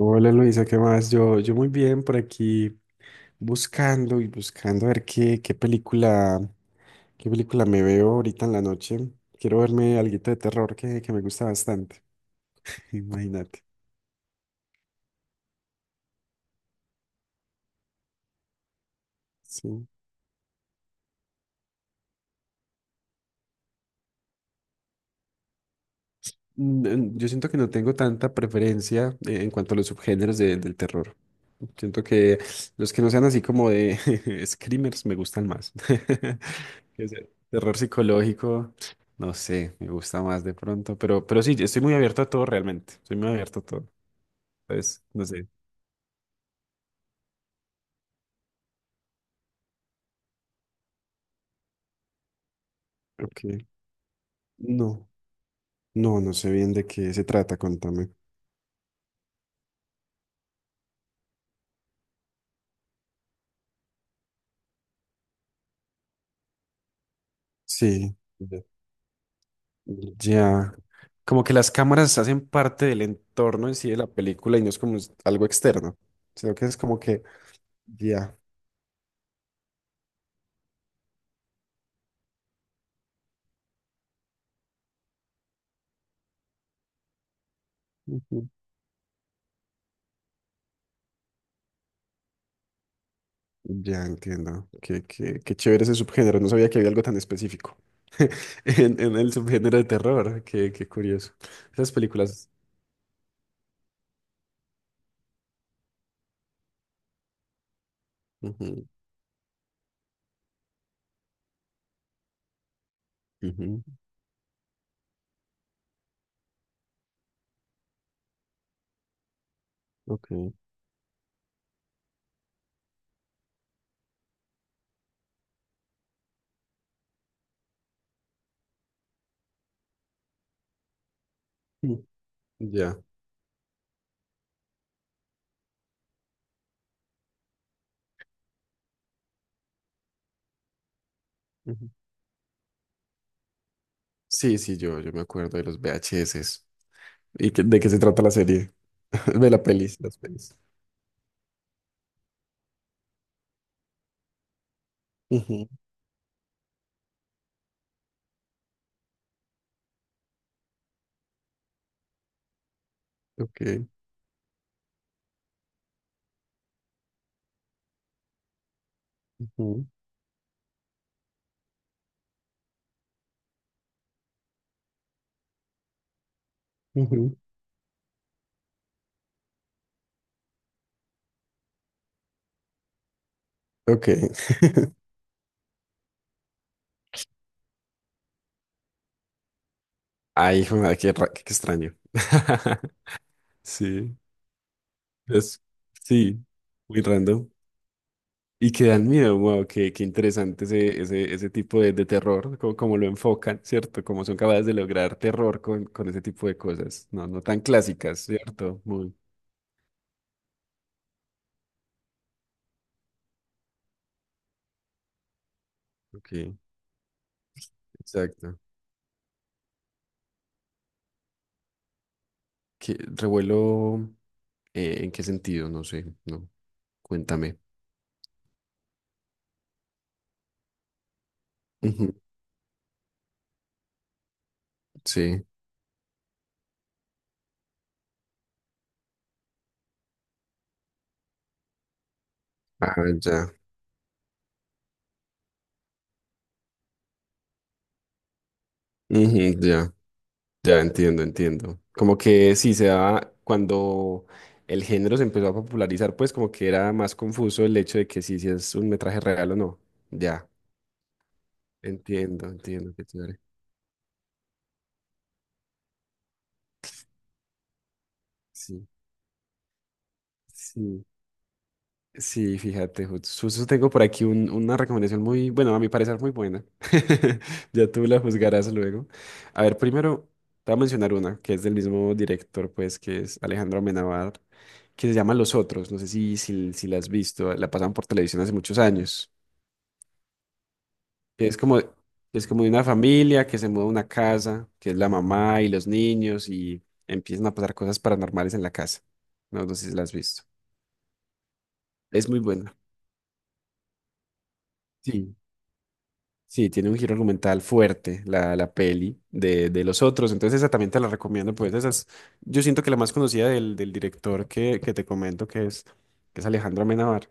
Hola Luisa, ¿qué más? Yo muy bien por aquí buscando y buscando a ver qué, qué película me veo ahorita en la noche. Quiero verme alguito de terror que me gusta bastante, imagínate. Sí. Yo siento que no tengo tanta preferencia en cuanto a los subgéneros del terror. Siento que los que no sean así como de screamers me gustan más. Que sea terror psicológico, no sé, me gusta más de pronto, pero sí, estoy muy abierto a todo realmente. Estoy muy abierto a todo. Entonces, no sé. Ok. No, no, no sé bien de qué se trata, contame. Sí. Ya. Como que las cámaras hacen parte del entorno en sí de la película y no es como algo externo, sino que es como que, ya. Ujú. Ya entiendo. Qué, qué, qué chévere ese subgénero. No sabía que había algo tan específico en el subgénero de terror. Qué, qué curioso. Esas películas. Ujú, ujú, ok. Mm, Ya. Ujú. Sí, sí, yo me acuerdo de los VHS. ¿Y de qué se trata la serie? De la pelis, las pelis. Ujú, ok. Ujú, ujú. Ok. Ay, hijo, madre, qué, qué extraño. Sí, es, sí, muy random. Y que dan miedo, wow, qué, qué interesante ese tipo de terror, como, como lo enfocan, ¿cierto? Como son capaces de lograr terror con ese tipo de cosas, no, no tan clásicas, ¿cierto? Muy, ok, exacto. ¿Qué, revuelo, en qué sentido? No sé, no, cuéntame. Ujú, sí, ah, ya, ujú, ya. Ya entiendo, entiendo. Como que sí se daba cuando el género se empezó a popularizar, pues como que era más confuso el hecho de que sí, si es un metraje real o no. Ya, entiendo, entiendo, qué chévere. Sí, sí. Sí, fíjate, justo tengo por aquí una recomendación muy, bueno, a mi parecer muy buena. Ya tú la juzgarás luego. A ver, primero te voy a mencionar una que es del mismo director, pues, que es Alejandro Amenábar, que se llama Los Otros. No sé si la has visto, la pasan por televisión hace muchos años. Es como, es como de una familia que se muda a una casa, que es la mamá y los niños, y empiezan a pasar cosas paranormales en la casa. No, no sé si la has visto. Es muy buena. Sí. Sí, tiene un giro argumental fuerte la peli de los otros, entonces esa también te la recomiendo, pues esa es, yo siento que la más conocida del, del director que te comento que es Alejandro Amenábar,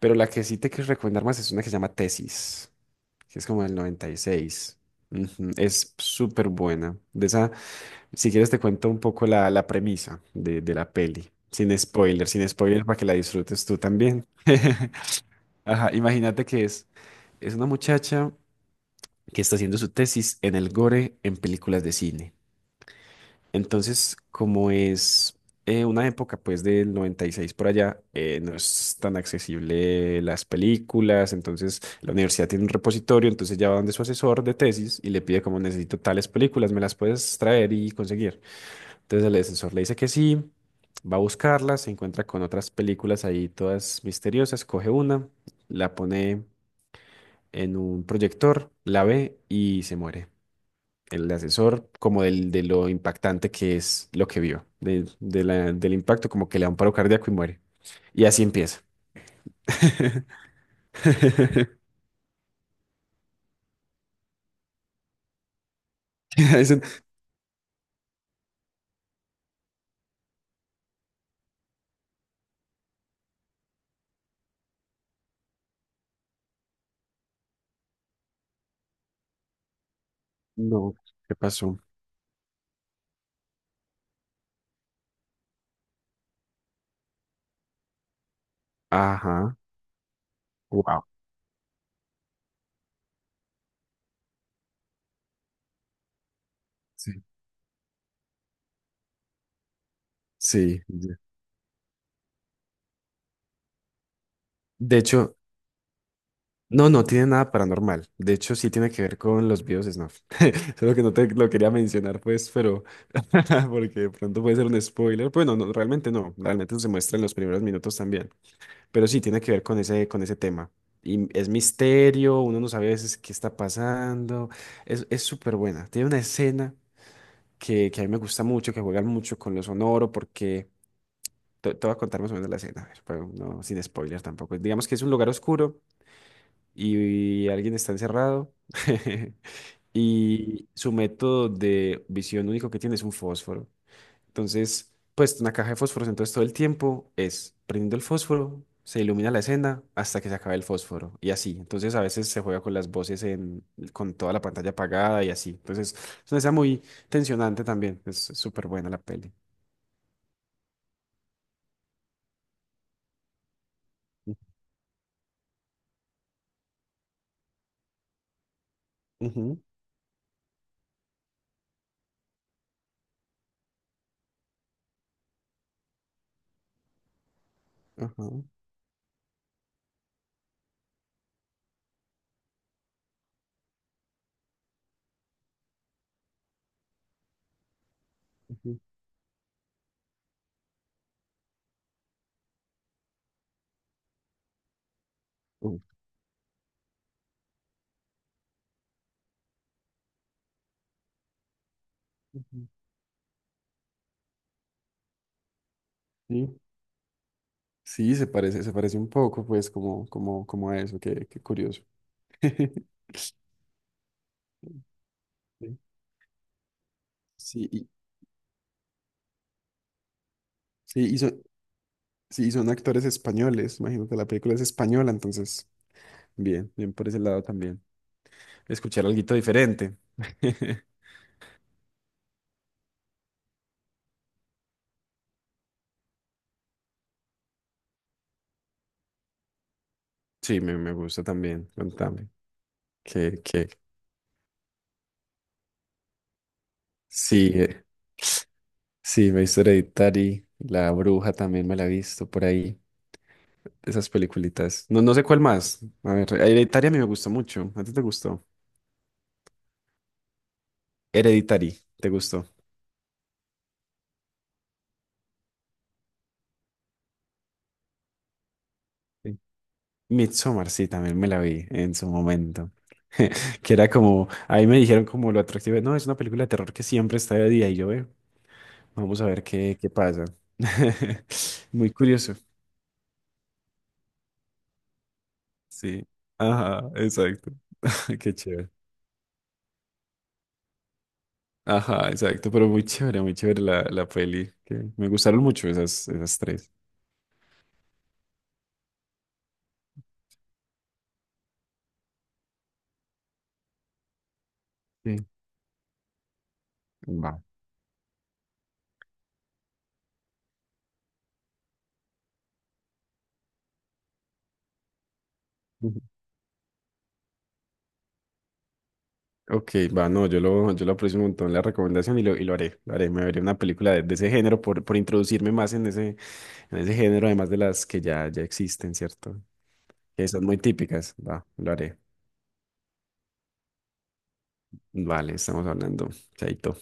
pero la que sí te quiero recomendar más es una que se llama Tesis, que es como del 96. Ujú, es súper buena, de esa, si quieres te cuento un poco la, la premisa de la peli, sin spoiler, sin spoiler para que la disfrutes tú también. Ajá, imagínate que es una muchacha que está haciendo su tesis en el gore en películas de cine. Entonces, como es una época pues del 96 por allá, no es tan accesible las películas, entonces la universidad tiene un repositorio, entonces ya va donde su asesor de tesis y le pide como necesito tales películas, ¿me las puedes traer y conseguir? Entonces el asesor le dice que sí, va a buscarlas, se encuentra con otras películas ahí todas misteriosas, coge una, la pone en un proyector, la ve y se muere el asesor como del, de lo impactante que es lo que vio, de, del impacto, como que le da un paro cardíaco y muere. Y así empieza. Dicen, no, ¿qué pasó? Ajá, wow. Sí, sí, ya. De hecho, no, no tiene nada paranormal. De hecho, sí tiene que ver con los videos de Snuff. Solo que no te lo quería mencionar, pues, pero porque de pronto puede ser un spoiler. Bueno, no, no, realmente no. Realmente se muestra en los primeros minutos también. Pero sí, tiene que ver con ese tema. Y es misterio, uno no sabe a veces qué está pasando. Es súper buena. Tiene una escena que a mí me gusta mucho, que juegan mucho con lo sonoro, porque te voy a contar más o menos la escena, a ver, pero no, sin spoiler tampoco. Digamos que es un lugar oscuro y alguien está encerrado y su método de visión único que tiene es un fósforo. Entonces, pues una caja de fósforo, entonces todo el tiempo es prendiendo el fósforo, se ilumina la escena hasta que se acabe el fósforo y así. Entonces a veces se juega con las voces en, con toda la pantalla apagada y así. Entonces es una escena muy tensionante también. Es súper buena la peli. Ujú, ajá, ujú, ujú, ujú. Sí, sí, se parece un poco, pues, como, como, como a eso, qué, qué curioso. Sí, sí, y, sí, sí, y son actores españoles, imagino que la película es española, entonces bien, bien por ese lado también. Escuchar algo diferente. Sí, me gusta también. Contame. Que sí, sí, me he visto Hereditary, La Bruja también me la he visto por ahí. Esas peliculitas. No, no sé cuál más. A ver, Hereditary a mí me gustó mucho. ¿A ti te gustó? Hereditary, ¿te gustó? Sí. Midsommar, sí, también me la vi en su momento. Que era como, ahí me dijeron como lo atractivo, no, es una película de terror que siempre está de día y yo, veo. Vamos a ver qué, qué pasa. Muy curioso. Sí. Ajá, exacto. Qué chévere. Ajá, exacto. Pero muy chévere la, la peli. Que me gustaron mucho esas, esas tres. Sí. Va. Ujú. Ok, va, no, yo lo aprecio un montón la recomendación y lo haré, me veré una película de ese género por introducirme más en ese género, además de las que ya, ya existen, ¿cierto? Que son muy típicas, va, lo haré. Vale, estamos hablando, chaito.